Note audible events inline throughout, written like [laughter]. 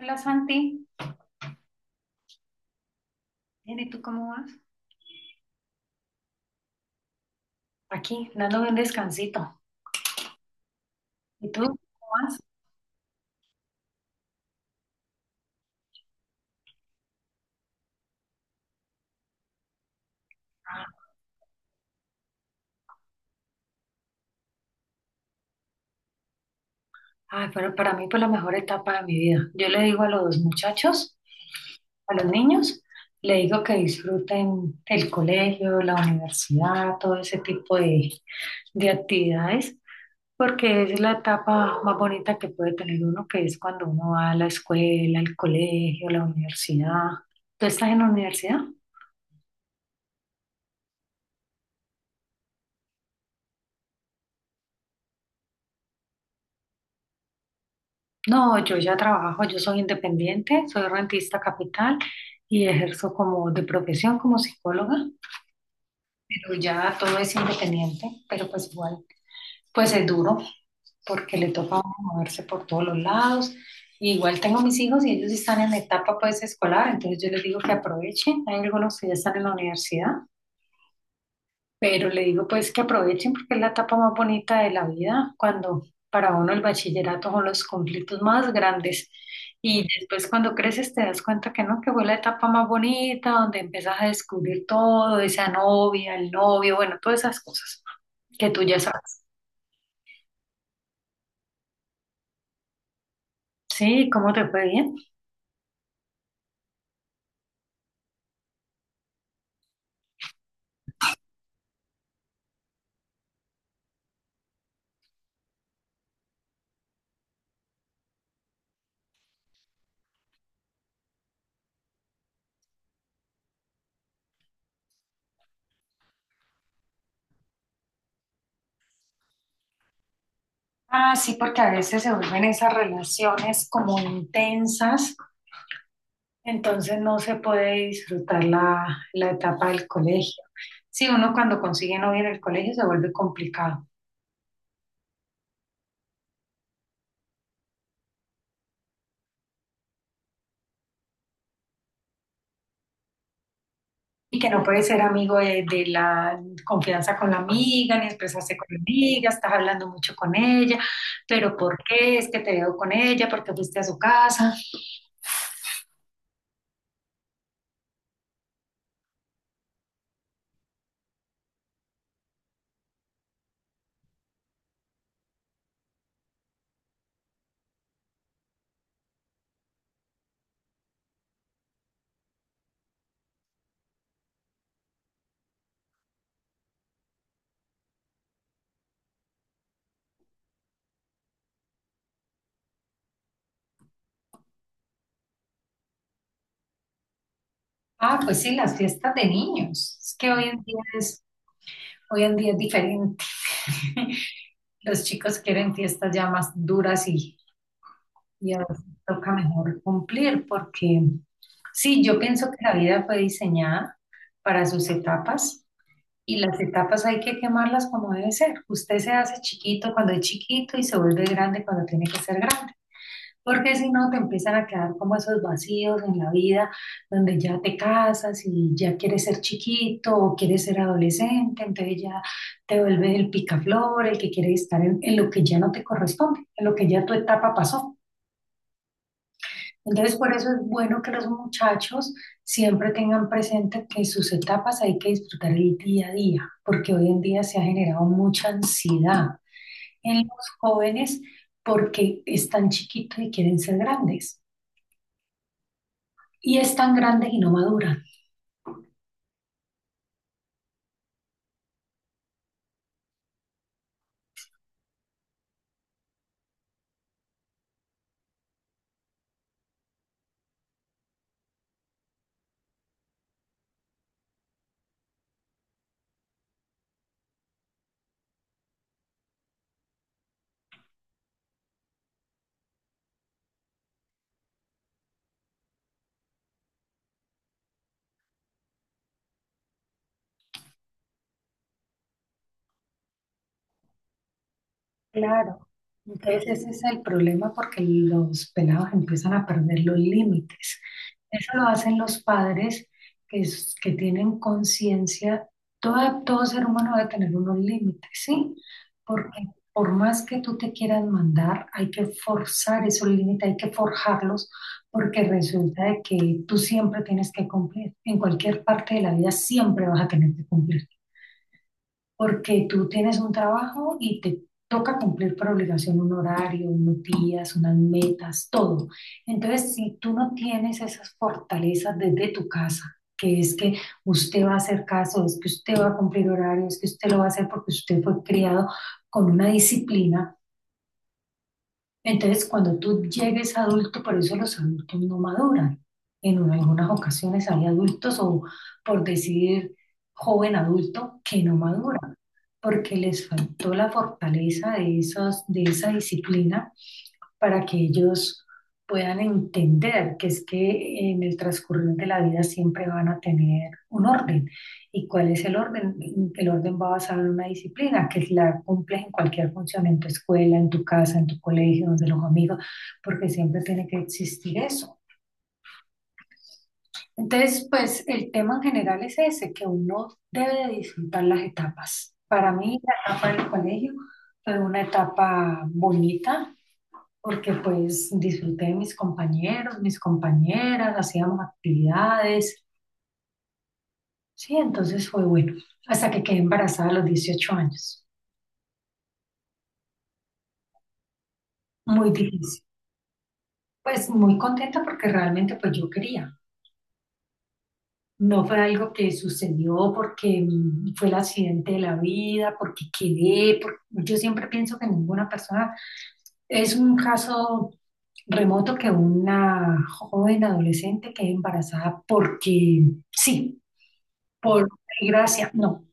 Hola Santi, bien, ¿y tú cómo vas? Aquí, dándome un descansito. ¿Y tú cómo vas? Ay, pero para mí fue la mejor etapa de mi vida. Yo le digo a los muchachos, a los niños, le digo que disfruten el colegio, la universidad, todo ese tipo de actividades, porque es la etapa más bonita que puede tener uno, que es cuando uno va a la escuela, al colegio, a la universidad. ¿Tú estás en la universidad? No, yo ya trabajo, yo soy independiente, soy rentista capital y ejerzo como de profesión como psicóloga, pero ya todo es independiente, pero pues igual, pues es duro porque le toca a uno moverse por todos los lados. Y igual tengo mis hijos y ellos están en etapa pues escolar, entonces yo les digo que aprovechen, hay algunos que ya están en la universidad. Pero le digo pues que aprovechen porque es la etapa más bonita de la vida, cuando para uno el bachillerato son los conflictos más grandes. Y después cuando creces te das cuenta que no, que fue la etapa más bonita, donde empiezas a descubrir todo, esa novia, el novio, bueno, todas esas cosas que tú ya sabes. Sí, ¿cómo te fue bien? Ah, sí, porque a veces se vuelven esas relaciones como intensas. Entonces no se puede disfrutar la etapa del colegio. Sí, uno cuando consigue novia en el colegio se vuelve complicado y que no puede ser amigo de la confianza con la amiga, ni expresarse con la amiga, estás hablando mucho con ella, pero ¿por qué es que te veo con ella? ¿Por qué fuiste a su casa? Ah, pues sí, las fiestas de niños. Es que hoy en día es, Hoy en día es diferente. [laughs] Los chicos quieren fiestas ya más duras y a veces toca mejor cumplir, porque sí, yo pienso que la vida fue diseñada para sus etapas y las etapas hay que quemarlas como debe ser. Usted se hace chiquito cuando es chiquito y se vuelve grande cuando tiene que ser grande, porque si no te empiezan a quedar como esos vacíos en la vida donde ya te casas y ya quieres ser chiquito o quieres ser adolescente, entonces ya te vuelves el picaflor, el que quiere estar en lo que ya no te corresponde, en lo que ya tu etapa pasó. Entonces, por eso es bueno que los muchachos siempre tengan presente que sus etapas hay que disfrutar el día a día, porque hoy en día se ha generado mucha ansiedad en los jóvenes porque están chiquitos y quieren ser grandes, y están grandes y no maduran. Claro, entonces ese es el problema porque los pelados empiezan a perder los límites. Eso lo hacen los padres que tienen conciencia. Todo, todo ser humano debe tener unos límites, ¿sí? Porque por más que tú te quieras mandar, hay que forzar esos límites, hay que forjarlos, porque resulta de que tú siempre tienes que cumplir. En cualquier parte de la vida siempre vas a tener que cumplir porque tú tienes un trabajo y te toca cumplir por obligación un horario, unos días, unas metas, todo. Entonces, si tú no tienes esas fortalezas desde tu casa, que es que usted va a hacer caso, es que usted va a cumplir horarios, es que usted lo va a hacer porque usted fue criado con una disciplina, entonces, cuando tú llegues adulto, por eso los adultos no maduran. Algunas ocasiones hay adultos, o por decir joven adulto, que no maduran, porque les faltó la fortaleza de esa disciplina para que ellos puedan entender que es que en el transcurrir de la vida siempre van a tener un orden. ¿Y cuál es el orden? El orden va basado en una disciplina que la cumples en cualquier función, en tu escuela, en tu casa, en tu colegio, donde los amigos, porque siempre tiene que existir eso. Entonces, pues el tema en general es ese, que uno debe de disfrutar las etapas. Para mí, la etapa del colegio fue una etapa bonita, porque pues disfruté de mis compañeros, mis compañeras, hacíamos actividades, sí, entonces fue bueno, hasta que quedé embarazada a los 18 años, muy difícil, pues muy contenta porque realmente pues yo quería, no fue algo que sucedió porque fue el accidente de la vida, porque yo siempre pienso que ninguna persona es un caso remoto que una joven adolescente quede embarazada porque sí. Por gracia, no.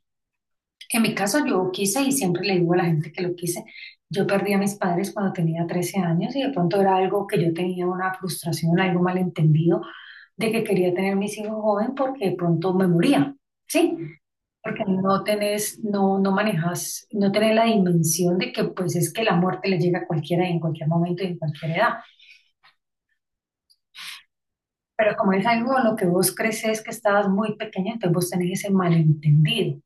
En mi caso yo quise y siempre le digo a la gente que lo quise, yo perdí a mis padres cuando tenía 13 años y de pronto era algo que yo tenía una frustración, algo malentendido de que quería tener mis hijos joven porque de pronto me moría, ¿sí? Porque no tenés, no, no manejas, no tenés la dimensión de que pues es que la muerte le llega a cualquiera y en cualquier momento y en cualquier edad. Pero como es algo en lo que vos creces que estabas muy pequeña, entonces vos tenés ese malentendido.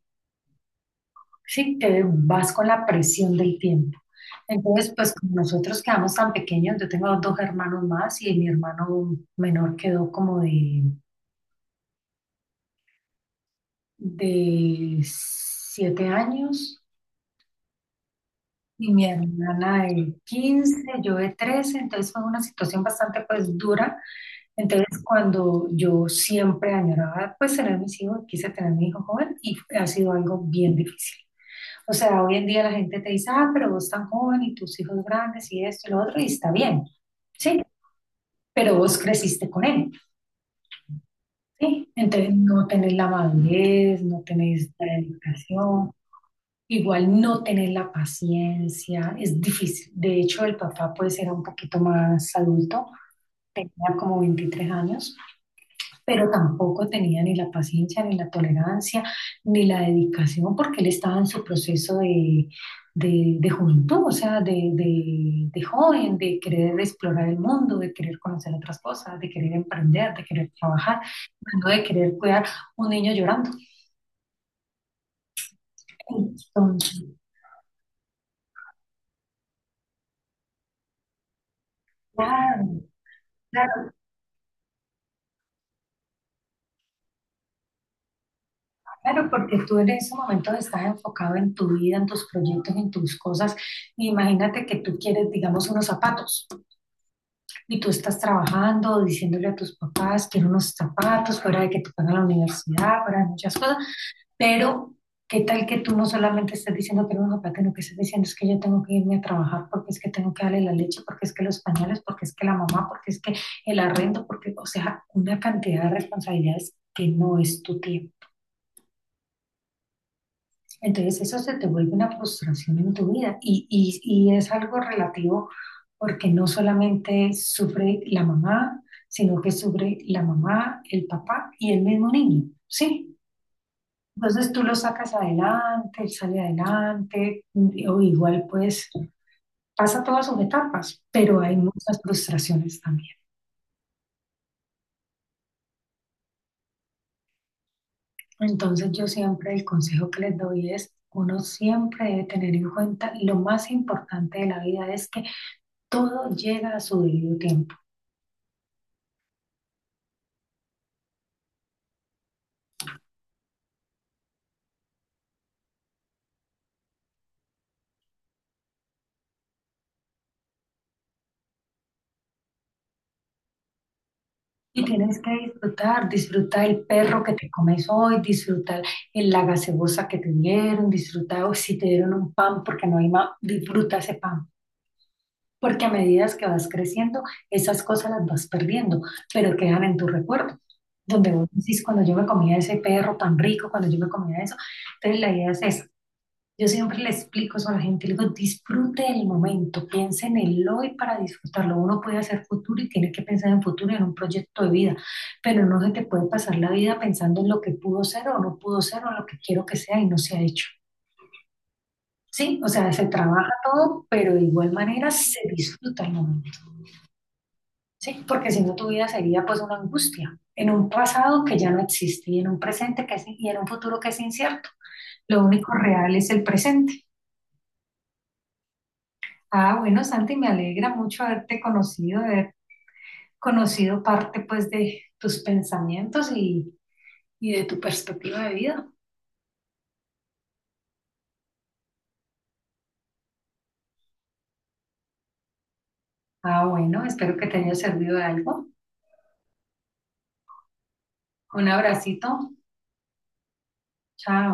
Sí, que vas con la presión del tiempo. Entonces, pues como nosotros quedamos tan pequeños, yo tengo dos hermanos más y mi hermano menor quedó como de 7 años y mi hermana de 15, yo de 13, entonces fue una situación bastante pues dura. Entonces cuando yo siempre añoraba pues tener mis hijos, quise tener mi hijo joven y ha sido algo bien difícil. O sea, hoy en día la gente te dice, ah, pero vos tan joven y tus hijos grandes y esto y lo otro, y está bien, ¿sí? Pero vos creciste con él, ¿sí? Entonces no tenés la madurez, no tenés la dedicación, igual no tenés la paciencia, es difícil. De hecho, el papá puede ser un poquito más adulto, tenía como 23 años, pero tampoco tenía ni la paciencia, ni la tolerancia, ni la dedicación, porque él estaba en su proceso de, de juventud, o sea, de, de joven, de querer explorar el mundo, de querer conocer otras cosas, de querer emprender, de querer trabajar, no de querer cuidar un niño llorando. Entonces, claro, claro, claro, porque tú en ese momento estás enfocado en tu vida, en tus proyectos, en tus cosas. Imagínate que tú quieres, digamos, unos zapatos. Y tú estás trabajando, diciéndole a tus papás, quiero unos zapatos, fuera de que te pagan la universidad, fuera de muchas cosas, pero ¿qué tal que tú no solamente estás diciendo que unos zapatos, sino que estás diciendo es que yo tengo que irme a trabajar porque es que tengo que darle la leche, porque es que los pañales, porque es que la mamá, porque es que el arrendo, porque, o sea, una cantidad de responsabilidades que no es tu tiempo. Entonces eso se te vuelve una frustración en tu vida y es algo relativo porque no solamente sufre la mamá, sino que sufre la mamá, el papá y el mismo niño, ¿sí? Entonces tú lo sacas adelante, él sale adelante, o igual pues pasa todas sus etapas, pero hay muchas frustraciones también. Entonces yo siempre el consejo que les doy es, uno siempre debe tener en cuenta lo más importante de la vida es que todo llega a su debido tiempo. Y tienes que disfrutar, disfrutar el perro que te comes hoy, disfrutar el, la gaseosa que te dieron, disfrutar si te dieron un pan porque no hay más, disfruta ese pan. Porque a medida que vas creciendo, esas cosas las vas perdiendo, pero quedan en tu recuerdo. Donde vos decís, cuando yo me comía ese perro tan rico, cuando yo me comía eso. Entonces la idea es esa. Yo siempre le explico eso a la gente, le digo, disfrute el momento, piense en el hoy para disfrutarlo. Uno puede hacer futuro y tiene que pensar en futuro, y en un proyecto de vida, pero no se te puede pasar la vida pensando en lo que pudo ser o no pudo ser o lo que quiero que sea y no se ha hecho. Sí, o sea, se trabaja todo, pero de igual manera se disfruta el momento, ¿sí? Porque si no tu vida sería pues una angustia en un pasado que ya no existe y en un presente que es, y en un futuro que es incierto. Lo único real es el presente. Ah, bueno, Santi, me alegra mucho haberte conocido, haber conocido parte pues de tus pensamientos y de tu perspectiva de vida. Ah, bueno, espero que te haya servido de algo. Un abracito. Chao.